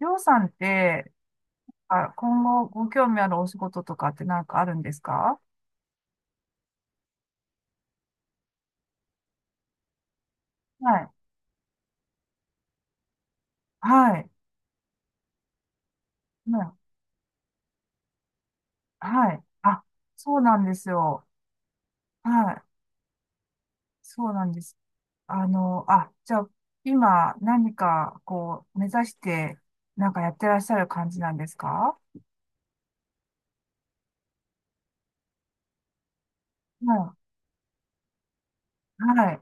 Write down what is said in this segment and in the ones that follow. りょうさんって、あ、今後ご興味あるお仕事とかってなんかあるんですか？はい。はい。ね。はい。あ、そうなんですよ。はい。そうなんです。あ、じゃあ、今何かこう、目指して、なんかやってらっしゃる感じなんですか？はい。はい。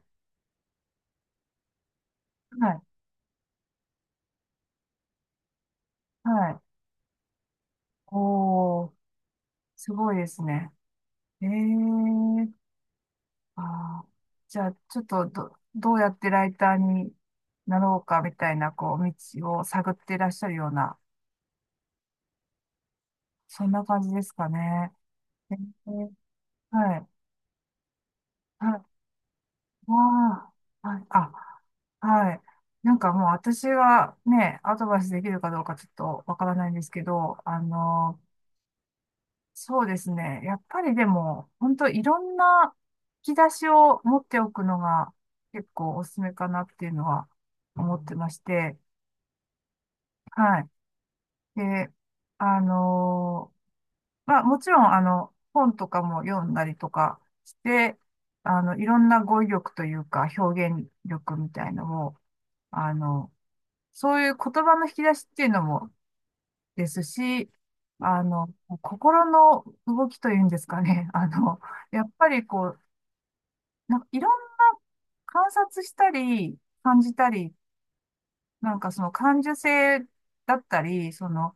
はい。はい。おー、すごいですね。えー。ああ、じゃあ、ちょっとどうやってライターになろうかみたいな、こう、道を探っていらっしゃるような、そんな感じですかね。えー。はい。はい。わあ、はい。あ、はい。なんかもう私がね、アドバイスできるかどうかちょっとわからないんですけど、そうですね。やっぱりでも、本当いろんな引き出しを持っておくのが結構おすすめかなっていうのは思ってまして、はい。で、あのーまあ、もちろん、本とかも読んだりとかして、いろんな語彙力というか、表現力みたいのも、あの、そういう言葉の引き出しっていうのもですし、あの、心の動きというんですかね。やっぱりこう、なんかいろんな観察したり、感じたり、なんかその感受性だったり、その、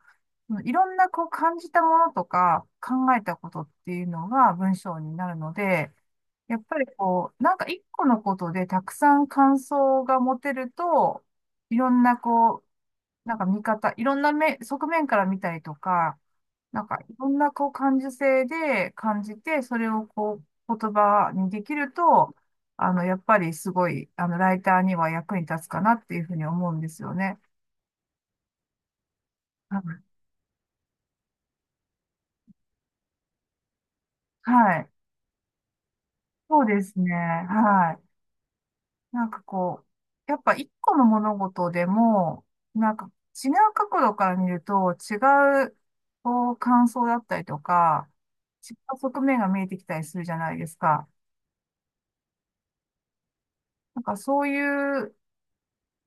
いろんなこう感じたものとか考えたことっていうのが文章になるので、やっぱりこう、なんか一個のことでたくさん感想が持てると、いろんなこう、なんか見方、いろんな目、側面から見たりとか、なんかいろんなこう感受性で感じて、それをこう言葉にできると、やっぱりすごい、ライターには役に立つかなっていうふうに思うんですよね。はい。はい。そうですね。はい。なんかこう、やっぱ一個の物事でも、なんか違う角度から見ると違う、こう、感想だったりとか、違う側面が見えてきたりするじゃないですか。なんかそういう、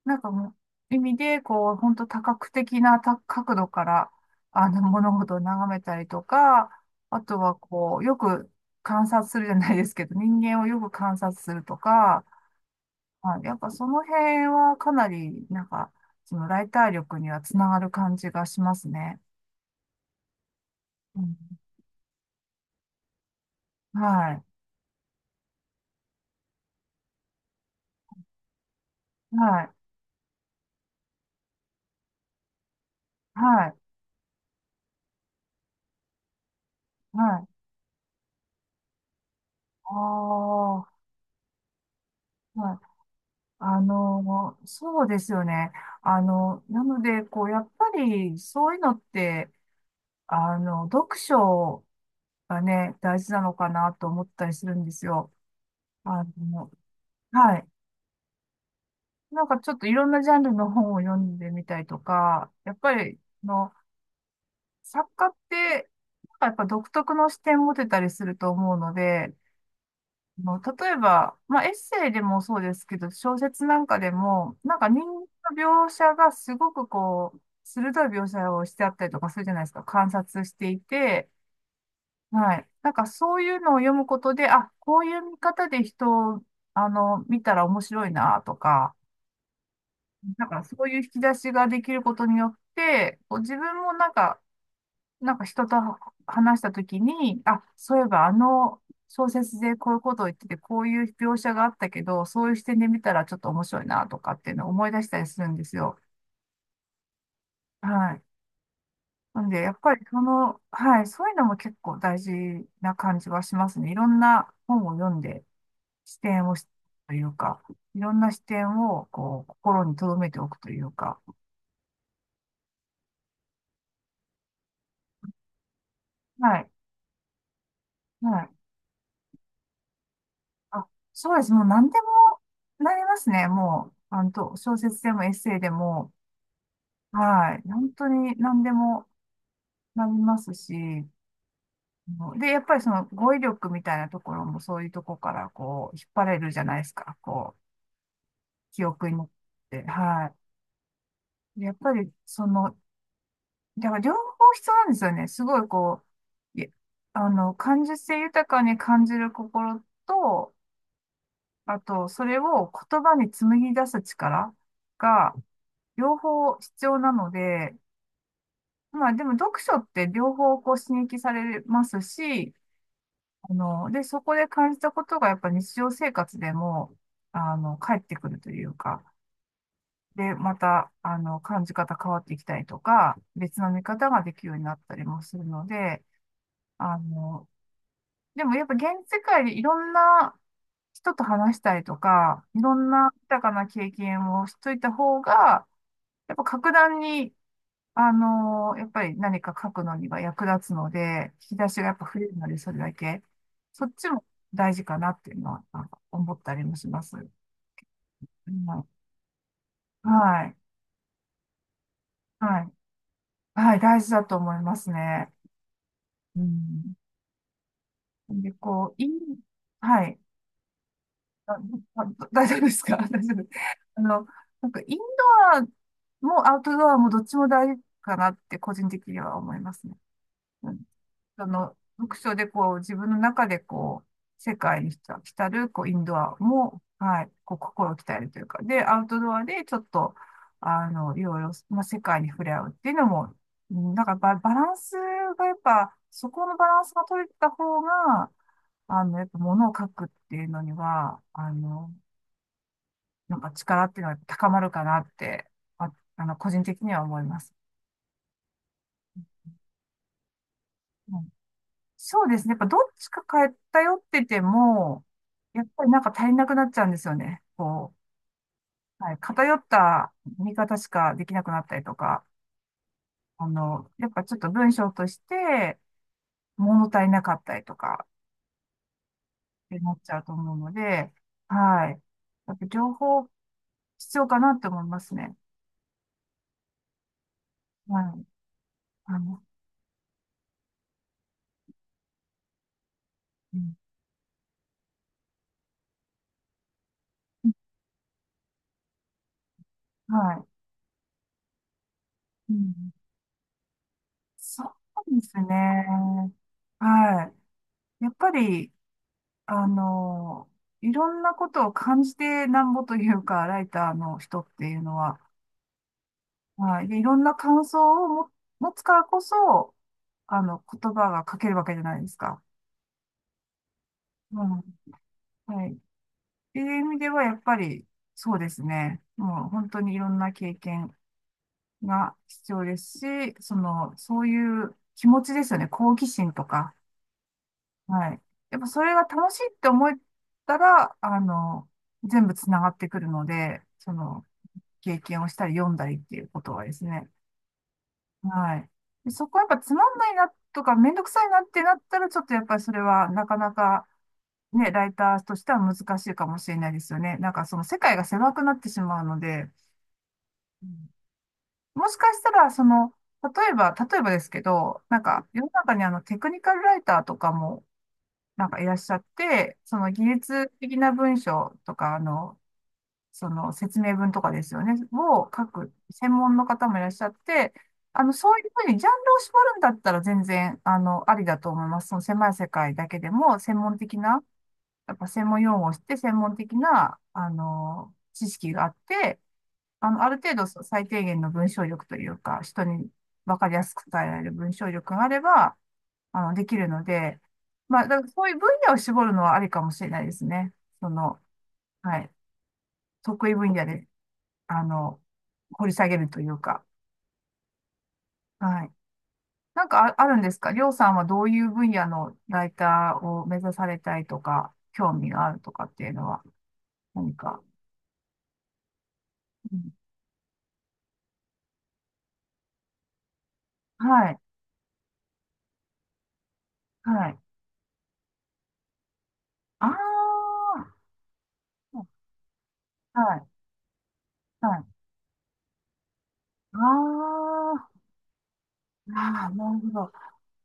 なんかもう意味で、こう、本当多角的な角度から、物事を眺めたりとか、あとはこう、よく観察するじゃないですけど、人間をよく観察するとか、はい、やっぱその辺はかなり、なんか、そのライター力にはつながる感じがしますね。うん。はい。はい。はい。はい。ああ、はい。そうですよね。なので、こう、やっぱり、そういうのって、読書がね、大事なのかなと思ったりするんですよ。あの、はい。なんかちょっといろんなジャンルの本を読んでみたいとか、やっぱり、の作家って、なんかやっぱ独特の視点持てたりすると思うので、もう例えば、まあ、エッセイでもそうですけど、小説なんかでも、なんか人間の描写がすごくこう、鋭い描写をしてあったりとかするじゃないですか。観察していて、はい。なんかそういうのを読むことで、あ、こういう見方で人を、見たら面白いなとか、なんかそういう引き出しができることによって、こう自分もなんか人と話したときに、あ、そういえばあの小説でこういうことを言ってて、こういう描写があったけど、そういう視点で見たらちょっと面白いなとかっていうのを思い出したりするんですよ。はい。なんで、やっぱりその、はい、そういうのも結構大事な感じはしますね。いろんな本を読んで、視点をしというか、いろんな視点をこう心に留めておくというか、はい。はい。あ、そうです。もう何でもなりますね。もう、と小説でもエッセイでも、はい。本当に何でもなりますし、もうで、やっぱりその語彙力みたいなところもそういうとこからこう、引っ張れるじゃないですか。こう、記憶に乗って、はい。でやっぱりその、だから両方必要なんですよね。すごいこう、いあの、感受性豊かに感じる心と、あと、それを言葉に紡ぎ出す力が、両方必要なので、まあでも読書って両方こう刺激されますし、で、そこで感じたことがやっぱ日常生活でも、返ってくるというか、で、また、感じ方変わってきたりとか、別の見方ができるようになったりもするので、あの、でもやっぱ現世界でいろんな人と話したりとか、いろんな豊かな経験をしといた方が、やっぱ格段にやっぱり何か書くのには役立つので、引き出しがやっぱ増えるので、それだけ。そっちも大事かなっていうのは、なんか思ったりもします。うん。はい。はい。はい。大事だと思いますね。うん。で、こう、はい。あ、大丈夫ですか？ 大丈夫。あの、なんかインドアもアウトドアもどっちも大事かなって個人的には思いますね。読書でこう、自分の中でこう、世界に浸る、こう、インドアも、はい、こう、心を鍛えるというか、で、アウトドアでちょっと、いろいろ、まあ、世界に触れ合うっていうのも、うん、なんかバランスがやっぱ、そこのバランスが取れた方が、やっぱ物を書くっていうのには、なんか力っていうのは高まるかなって、あ、個人的には思います。うん。そうですね。やっぱどっちか偏ってても、やっぱりなんか足りなくなっちゃうんですよね。こう、はい、偏った見方しかできなくなったりとか、やっぱちょっと文章として物足りなかったりとかってなっちゃうと思うので、はい。やっぱ情報必要かなって思いますね。はい。あの、うん。はい。うん、そうですね。はい。やっぱり、あの、いろんなことを感じてなんぼというか、ライターの人っていうのは、はい。で、いろんな感想をも持つからこそ、言葉が書けるわけじゃないですか。うん。はい。っていう意味では、やっぱり、そうですね。もう本当にいろんな経験が必要ですし、その、そういう気持ちですよね。好奇心とか。はい。やっぱそれが楽しいって思えたら、全部つながってくるので、その、経験をしたり読んだりっていうことはですね。はい。でそこはやっぱつまんないなとかめんどくさいなってなったら、ちょっとやっぱりそれはなかなかね、ライターとしては難しいかもしれないですよね。なんかその世界が狭くなってしまうので、うん、もしかしたらその、例えばですけど、なんか世の中にテクニカルライターとかもなんかいらっしゃって、その技術的な文章とか、その説明文とかですよね、を書く専門の方もいらっしゃって、そういうふうにジャンルを絞るんだったら全然、ありだと思います。その狭い世界だけでも、専門的な、やっぱ専門用語を知って、専門的な、知識があって、ある程度そう最低限の文章力というか、人に分かりやすく伝えられる文章力があれば、できるので、まあ、だからそういう分野を絞るのはありかもしれないですね。その、はい。得意分野であの、掘り下げるというか。はい。あるんですか、りょうさんはどういう分野のライターを目指されたいとか、興味があるとかっていうのは何か。うん、はい。はい。ああ。はい。はい。ああ。ああ、なるほど。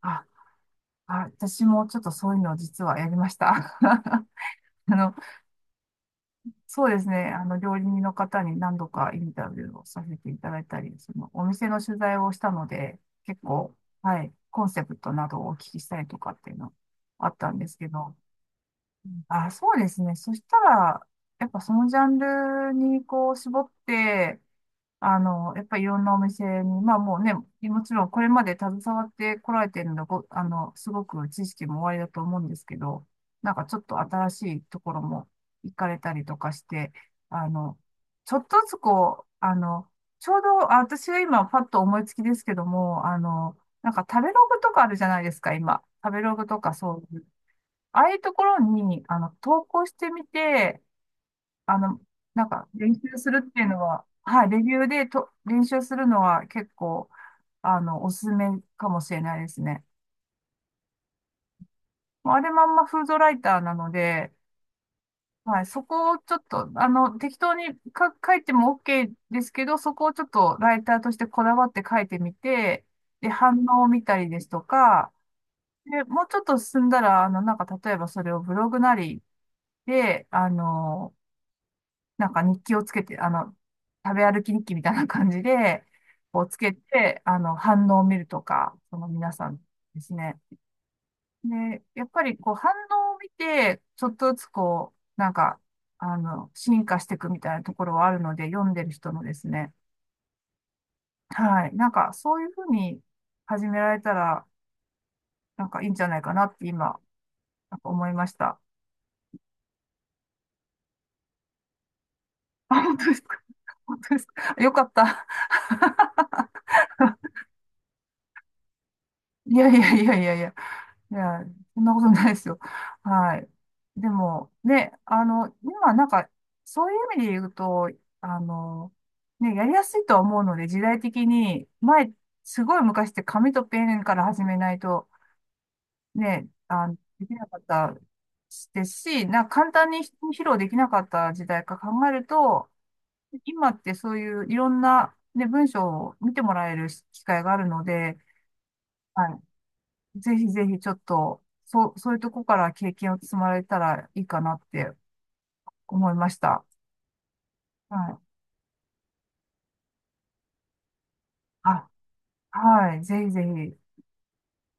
あ、私もちょっとそういうのを実はやりました。あの、そうですね。あの、料理人の方に何度かインタビューをさせていただいたり、その、お店の取材をしたので、結構、はい、コンセプトなどをお聞きしたりとかっていうのあったんですけど、あ、そうですね。そしたら、やっぱそのジャンルにこう絞って、あの、やっぱりいろんなお店に、まあもうね、もちろんこれまで携わってこられてるので、ご、あの、すごく知識もおありだと思うんですけど、なんかちょっと新しいところも行かれたりとかして、あの、ちょっとずつこう、ちょうど、あ、私が今パッと思いつきですけども、なんか食べログとかあるじゃないですか、今。食べログとかそういう。ああいうところに、投稿してみて、あの、なんか練習するっていうのは、はい、レビューでと練習するのは結構、おすすめかもしれないですね。もうあれまんまフードライターなので、はい、そこをちょっと、適当にか書いても OK ですけど、そこをちょっとライターとしてこだわって書いてみて、で、反応を見たりですとか、で、もうちょっと進んだら、なんか例えばそれをブログなりで、なんか日記をつけて、食べ歩き日記みたいな感じで、こうつけて、反応を見るとか、その皆さんですね。で、やっぱりこう反応を見て、ちょっとずつこう、なんか、進化していくみたいなところはあるので、読んでる人のですね。はい。なんか、そういうふうに始められたら、なんかいいんじゃないかなって今、なんか思いました。あ、本当ですか。本当ですか。よかった。いやいやいやいやいや。いや、そんなことないですよ。はい。でも、ね、今なんか、そういう意味で言うと、あの、ね、やりやすいとは思うので、時代的に、前、すごい昔って紙とペンから始めないと、ね、できなかったですし、なんか簡単に披露できなかった時代か考えると、今ってそういういろんな、ね、文章を見てもらえる機会があるので、はい、ぜひぜひちょっと、そう、そういうとこから経験を積まれたらいいかなって思いました。はい。あ、はい。ぜひぜひ。